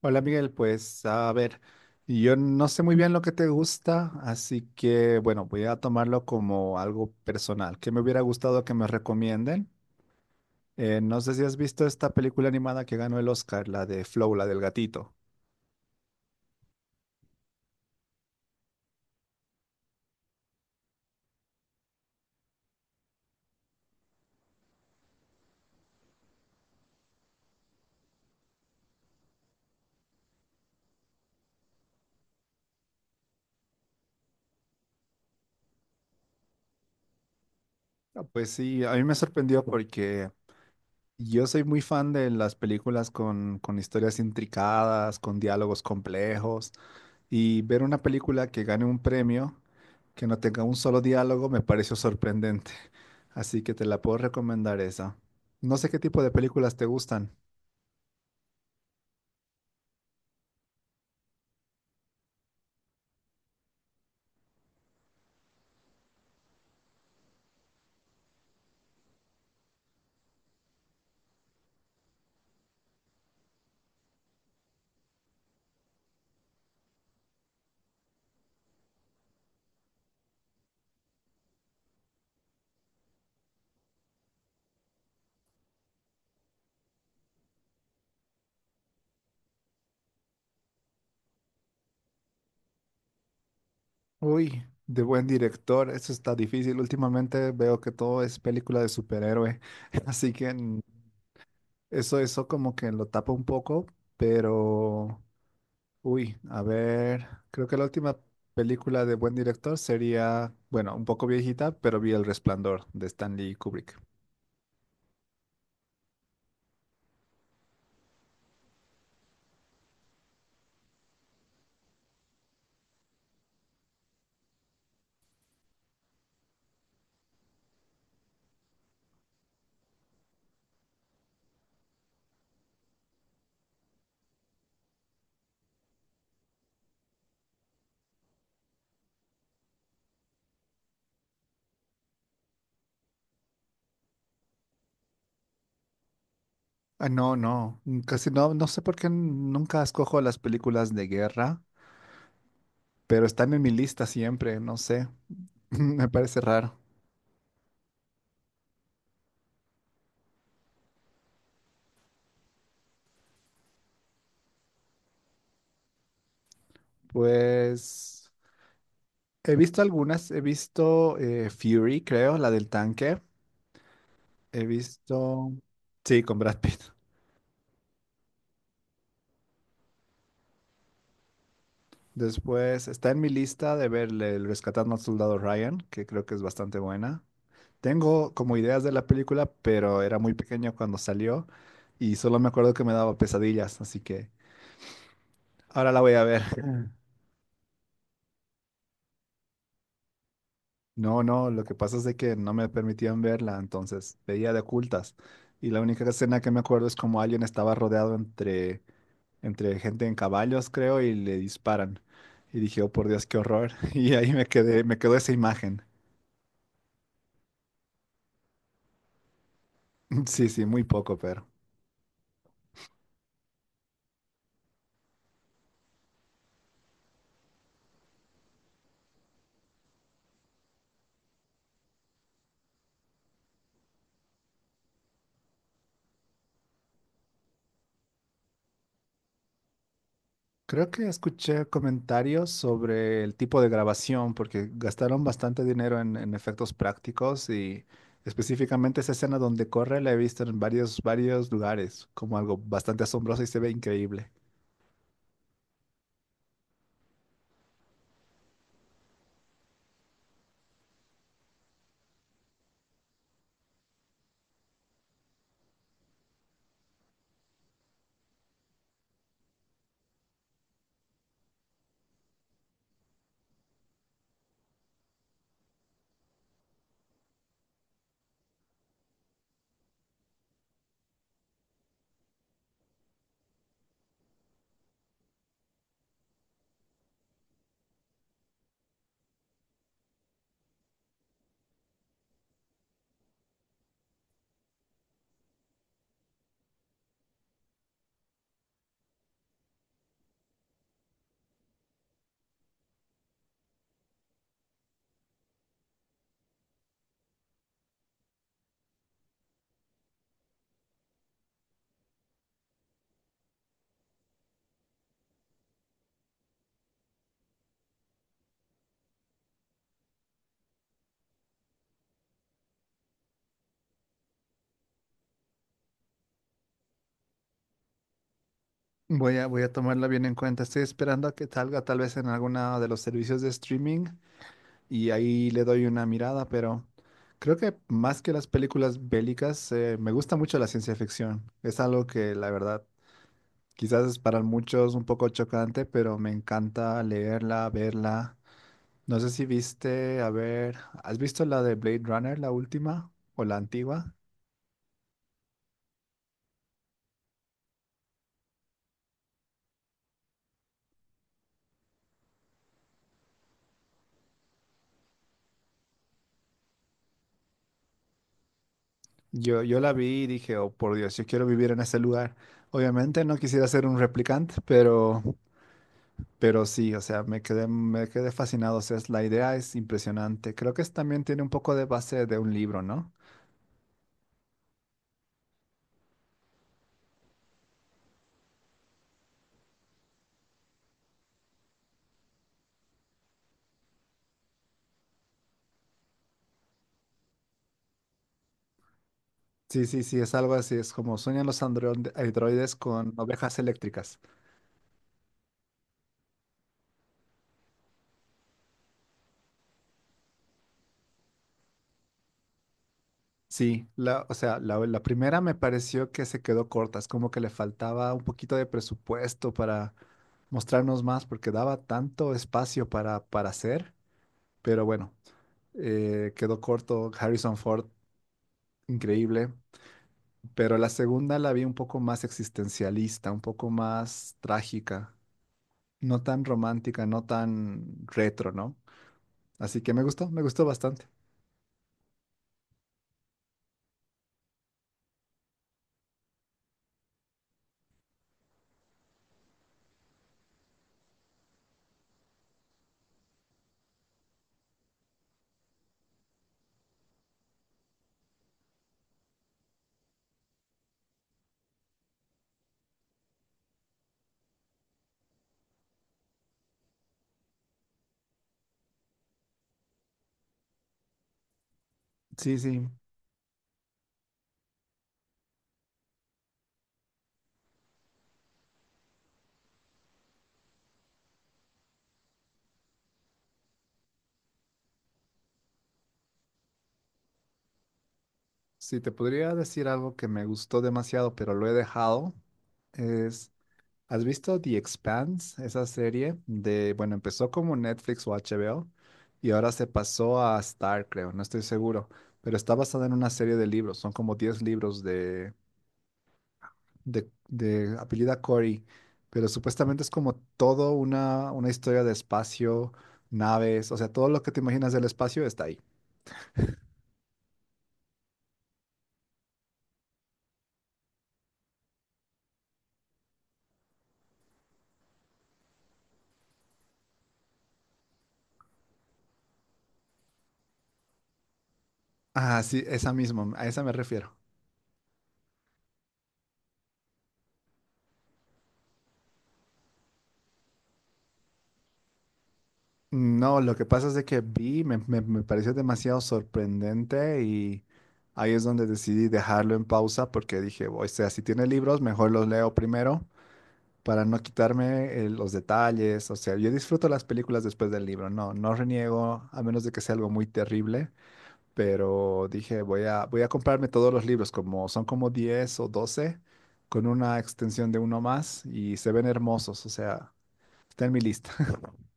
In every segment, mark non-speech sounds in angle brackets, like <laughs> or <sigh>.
Hola Miguel, pues a ver, yo no sé muy bien lo que te gusta, así que bueno, voy a tomarlo como algo personal, ¿qué me hubiera gustado que me recomienden? No sé si has visto esta película animada que ganó el Oscar, la de Flow, la del gatito. Ah, pues sí, a mí me sorprendió porque yo soy muy fan de las películas con historias intricadas, con diálogos complejos. Y ver una película que gane un premio, que no tenga un solo diálogo, me pareció sorprendente. Así que te la puedo recomendar esa. No sé qué tipo de películas te gustan. Uy, de buen director, eso está difícil. Últimamente veo que todo es película de superhéroe. <laughs> Así que mm, eso como que lo tapa un poco, pero... Uy, a ver, creo que la última película de buen director sería, bueno, un poco viejita, pero vi El Resplandor de Stanley Kubrick. Ah, no, no, mm, casi no sé por qué nunca escojo las películas de guerra, pero están en mi lista siempre, no sé, <laughs> me parece raro. Pues he visto algunas, he visto Fury, creo, la del tanque, he visto, sí, con Brad Pitt. Después está en mi lista de ver el Rescatando al Soldado Ryan, que creo que es bastante buena. Tengo como ideas de la película, pero era muy pequeño cuando salió y solo me acuerdo que me daba pesadillas, así que... Ahora la voy a ver. <laughs> No, no, lo que pasa es de que no me permitían verla, entonces veía de ocultas. Y la única escena que me acuerdo es como alguien estaba rodeado entre gente en caballos, creo, y le disparan. Y dije, oh por Dios, qué horror. <laughs> Y ahí me quedé, me quedó esa imagen. <laughs> Sí, sí, muy poco, pero. Creo que escuché comentarios sobre el tipo de grabación, porque gastaron bastante dinero en efectos prácticos y específicamente esa escena donde corre la he visto en varios lugares, como algo bastante asombroso y se ve increíble. Voy a tomarla bien en cuenta. Estoy esperando a que salga tal vez en alguno de los servicios de streaming y ahí le doy una mirada, pero creo que más que las películas bélicas, me gusta mucho la ciencia ficción. Es algo que la verdad quizás es para muchos un poco chocante, pero me encanta leerla, verla. No sé si viste, a ver, ¿has visto la de Blade Runner, la última o la antigua? Yo la vi y dije, oh por Dios, yo quiero vivir en ese lugar. Obviamente no quisiera ser un replicante, pero sí, o sea, me quedé fascinado. O sea, es- la idea es impresionante. Creo que es- también tiene un poco de base de un libro, ¿no? Sí, sí, sí, es algo así, es como sueñan los androides con ovejas eléctricas. Sí, la, o sea, la primera me pareció que se quedó corta, es como que le faltaba un poquito de presupuesto para mostrarnos más, porque daba tanto espacio para, hacer, pero bueno, quedó corto, Harrison Ford, increíble, pero la segunda la vi un poco más existencialista, un poco más trágica, no tan romántica, no tan retro, ¿no? Así que me gustó bastante. Sí, sí. Si te podría decir algo que me gustó demasiado, pero lo he dejado, es, ¿has visto The Expanse? Esa serie de, bueno, empezó como Netflix o HBO y ahora se pasó a Star, creo, no estoy seguro, pero está basada en una serie de libros, son como 10 libros de, de apellida Corey, pero supuestamente es como todo una historia de espacio, naves, o sea, todo lo que te imaginas del espacio está ahí. Ah, sí, esa misma, a esa me refiero. No, lo que pasa es de que vi, me pareció demasiado sorprendente y ahí es donde decidí dejarlo en pausa porque dije, o sea, si tiene libros, mejor los leo primero para no quitarme los detalles. O sea, yo disfruto las películas después del libro, no, no reniego, a menos de que sea algo muy terrible, pero dije, voy a comprarme todos los libros, como son como 10 o 12 con una extensión de uno más y se ven hermosos, o sea, está en mi lista. <laughs>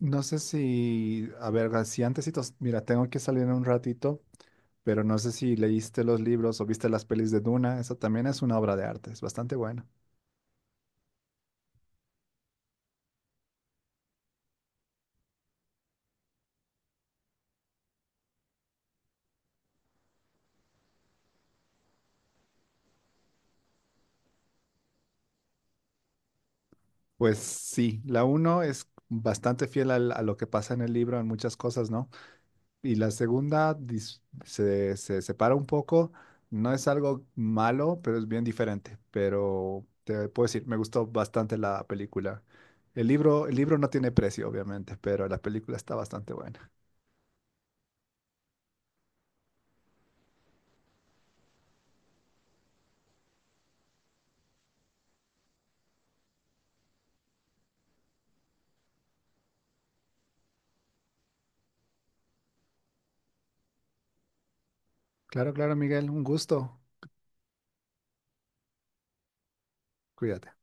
No sé si, a ver, así antesitos, mira, tengo que salir en un ratito, pero no sé si leíste los libros o viste las pelis de Duna, esa también es una obra de arte, es bastante buena. Pues sí, la uno es bastante fiel al- a lo que pasa en el libro en muchas cosas, ¿no? Y la segunda se se separa un poco, no es algo malo, pero es bien diferente, pero te puedo decir, me gustó bastante la película. El libro no tiene precio, obviamente, pero la película está bastante buena. Claro, claro, Miguel, un gusto. Cuídate.